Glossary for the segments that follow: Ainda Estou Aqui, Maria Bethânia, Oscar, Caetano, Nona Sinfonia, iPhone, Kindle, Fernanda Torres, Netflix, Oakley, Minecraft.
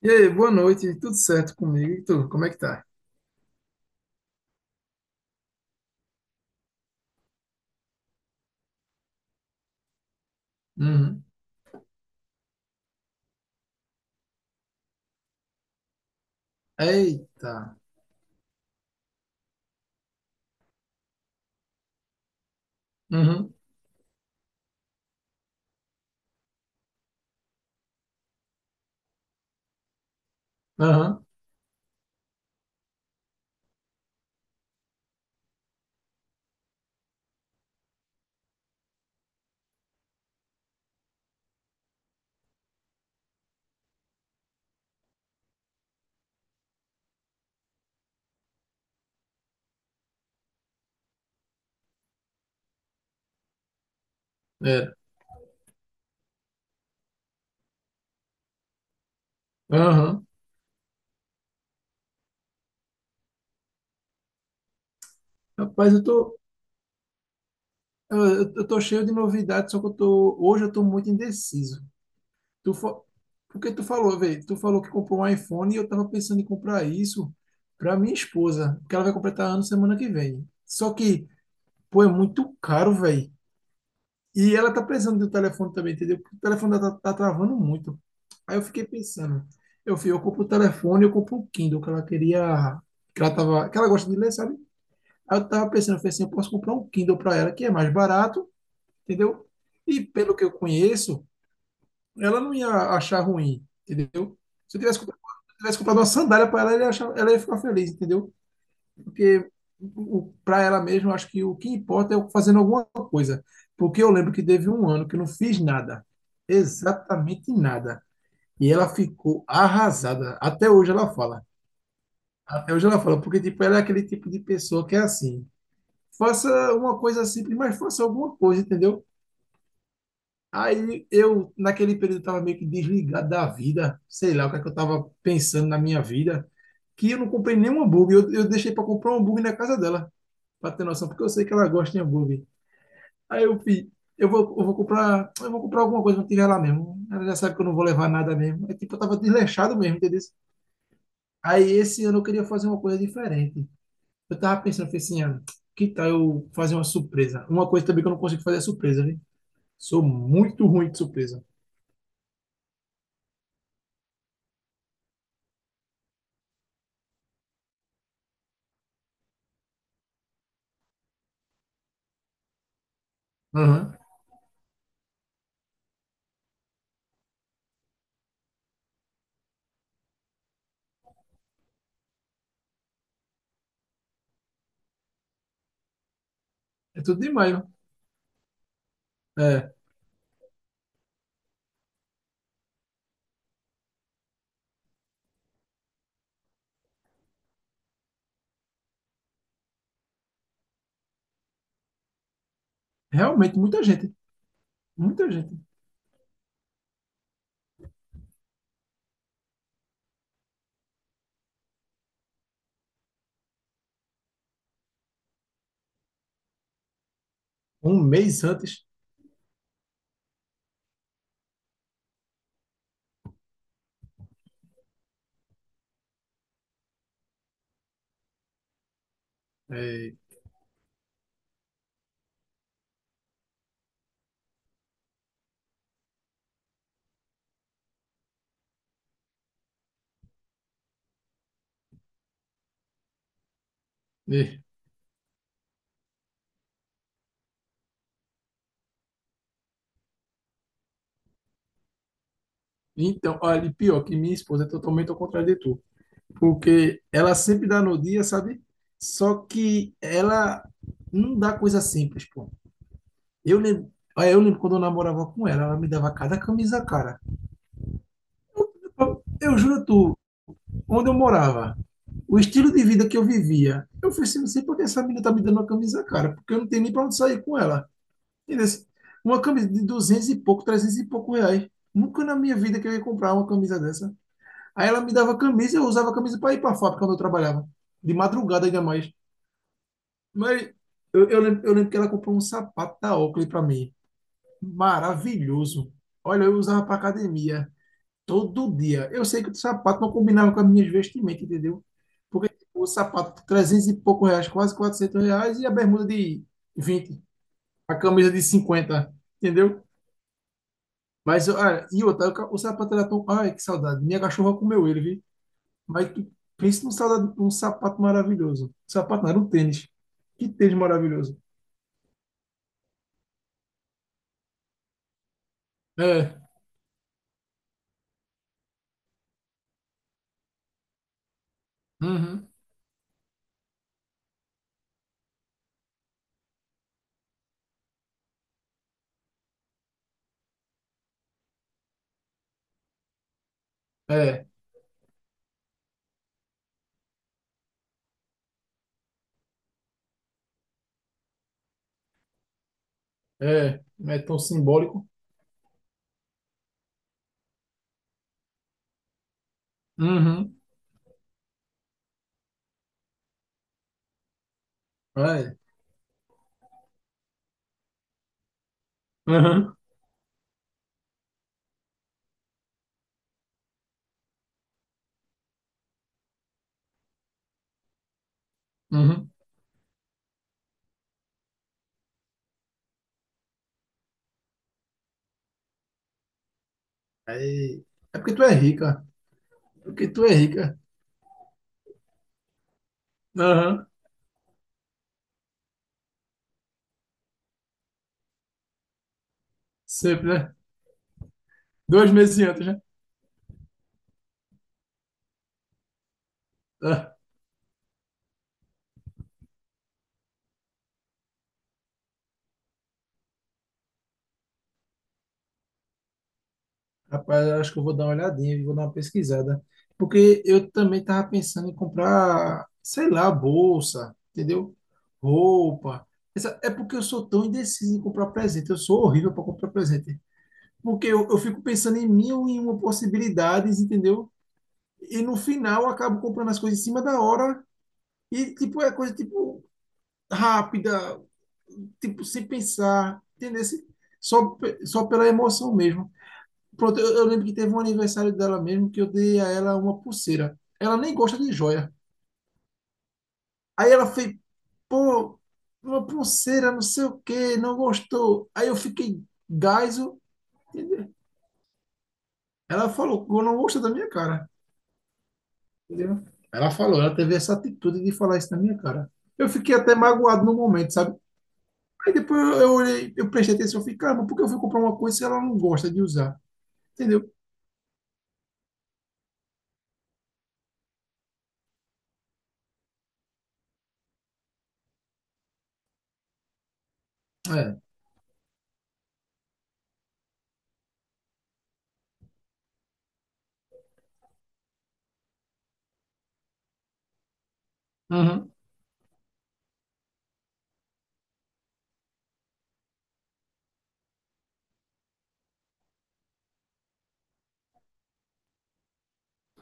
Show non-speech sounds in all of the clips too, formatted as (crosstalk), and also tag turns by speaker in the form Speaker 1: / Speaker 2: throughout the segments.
Speaker 1: E aí, boa noite, tudo certo comigo? E tu, como é que tá? Uhum. Eita. Uhum. Aham. É. Aham. Rapaz, eu tô cheio de novidades, só que hoje eu tô muito indeciso. Tu, fa- Porque tu falou, velho, tu falou que comprou um iPhone e eu tava pensando em comprar isso pra minha esposa, porque ela vai completar ano semana que vem. Só que, pô, é muito caro, velho. E ela tá precisando do telefone também, entendeu? Porque o telefone dela tá travando muito. Aí eu fiquei pensando, eu compro o telefone, eu compro o Kindle, que ela queria, que ela gosta de ler, sabe? Aí eu tava pensando, eu falei assim, eu posso comprar um Kindle para ela, que é mais barato, entendeu? E pelo que eu conheço, ela não ia achar ruim, entendeu? Se eu tivesse comprado uma sandália para ela, ela ia ficar feliz, entendeu? Porque para ela mesma, eu acho que o que importa é eu fazendo alguma coisa. Porque eu lembro que teve um ano que eu não fiz nada, exatamente nada. E ela ficou arrasada. Até hoje ela fala. Até hoje ela fala, porque tipo, ela é aquele tipo de pessoa que é assim, faça uma coisa simples, mas faça alguma coisa, entendeu? Aí eu, naquele período, estava meio que desligado da vida, sei lá o que, é que eu estava pensando na minha vida, que eu não comprei nenhum hambúrguer, eu deixei para comprar um hambúrguer na casa dela, pra ter noção, porque eu sei que ela gosta de hambúrguer. Aí eu fiz, eu vou comprar alguma coisa pra tirar lá mesmo. Ela já sabe que eu não vou levar nada mesmo. É tipo, eu tava desleixado mesmo, entendeu? Aí esse ano eu queria fazer uma coisa diferente. Eu tava pensando, falei assim, ah, que tal eu fazer uma surpresa? Uma coisa também que eu não consigo fazer é surpresa, viu? Sou muito ruim de surpresa. Aham. É tudo demais, né? É, realmente, muita gente. Muita gente. Um mês antes. É, é. Então, olha, e pior que minha esposa é totalmente ao contrário de tu. Porque ela sempre dá no dia, sabe? Só que ela não dá coisa simples, pô. Eu lembro, ah, eu lembro quando eu namorava com ela, ela me dava cada camisa, cara. Eu juro a tu, onde eu morava, o estilo de vida que eu vivia, eu falei assim, não sei por que essa menina tá me dando uma camisa, cara, porque eu não tenho nem pra onde sair com ela. Entendeu? Uma camisa de 200 e pouco, 300 e poucos reais. Nunca na minha vida que eu ia comprar uma camisa dessa. Aí ela me dava camisa, eu usava a camisa para ir para a fábrica onde eu trabalhava. De madrugada ainda mais. Mas eu lembro que ela comprou um sapato da Oakley para mim. Maravilhoso. Olha, eu usava para academia todo dia. Eu sei que o sapato não combinava com as minhas vestimentas, entendeu? Porque tipo, o sapato 300 e poucos reais, quase 400 reais, e a bermuda de 20, a camisa de 50, entendeu? Mas, olha, e outra, o sapato era tão... Ai, que saudade. Minha cachorra comeu ele, viu? Mas tu pensa num saudade, num sapato maravilhoso. Sapato não, era um tênis. Que tênis maravilhoso. É. Uhum. É, é tão simbólico. Uhum, é, uhum, uhum. Aí, é porque tu é rica, é porque tu é rica. Uhum, sempre, né? 2 meses antes, né? Ah, rapaz, eu acho que eu vou dar uma olhadinha, vou dar uma pesquisada. Porque eu também tava pensando em comprar, sei lá, bolsa, entendeu? Roupa. Essa, é porque eu sou tão indeciso em comprar presente, eu sou horrível para comprar presente. Porque eu fico pensando em mil e uma possibilidades, entendeu? E no final acabo comprando as coisas em cima da hora e tipo é coisa tipo rápida, tipo sem pensar, entendeu? Só pela emoção mesmo. Pronto, eu lembro que teve um aniversário dela mesmo que eu dei a ela uma pulseira. Ela nem gosta de joia. Aí ela fez, pô, uma pulseira, não sei o quê, não gostou. Aí eu fiquei gaiso, entendeu? Ela falou, eu não gosto da minha cara. Entendeu? Ela falou, ela teve essa atitude de falar isso na minha cara. Eu fiquei até magoado no momento, sabe? Aí depois eu olhei, eu prestei atenção, eu fiquei, caramba, por que eu fui comprar uma coisa se ela não gosta de usar? Entendeu? É. Aham.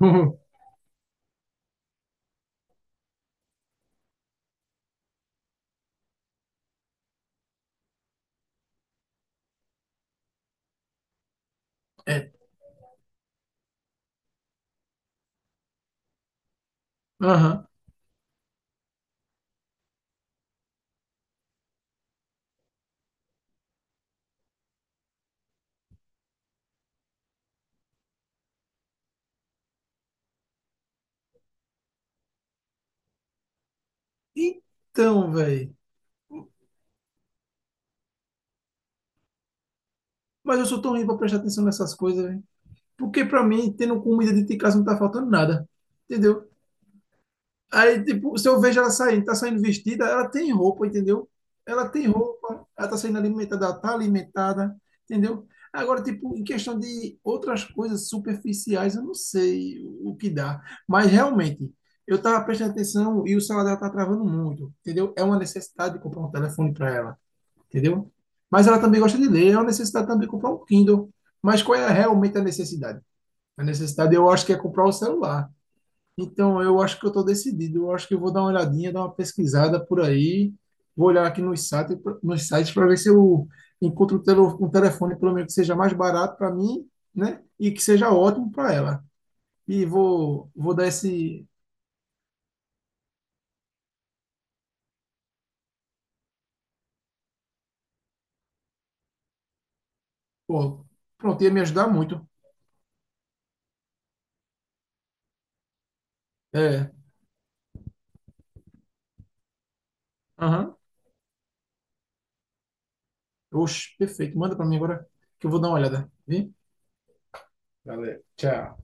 Speaker 1: (laughs) É. Aham. Então, velho. Mas eu sou tão ruim pra prestar atenção nessas coisas, velho. Porque pra mim, tendo comida dentro de casa não tá faltando nada. Entendeu? Aí, tipo, se eu vejo ela saindo, tá saindo vestida, ela tem roupa, entendeu? Ela tem roupa, ela tá alimentada, entendeu? Agora, tipo, em questão de outras coisas superficiais, eu não sei o que dá. Mas, realmente, eu tava prestando atenção e o celular dela tá travando muito, entendeu? É uma necessidade de comprar um telefone para ela, entendeu? Mas ela também gosta de ler, é uma necessidade também de comprar um Kindle. Mas qual é realmente a necessidade? A necessidade, eu acho que é comprar o celular. Então, eu acho que eu estou decidido. Eu acho que eu vou dar uma olhadinha, dar uma pesquisada por aí. Vou olhar aqui nos sites para ver se eu encontro um telefone, pelo menos, que seja mais barato para mim, né? E que seja ótimo para ela. E vou dar esse. Pô, pronto, ia me ajudar muito. É. Aham. Oxe, perfeito. Manda para mim agora que eu vou dar uma olhada. Vi. Valeu, tchau.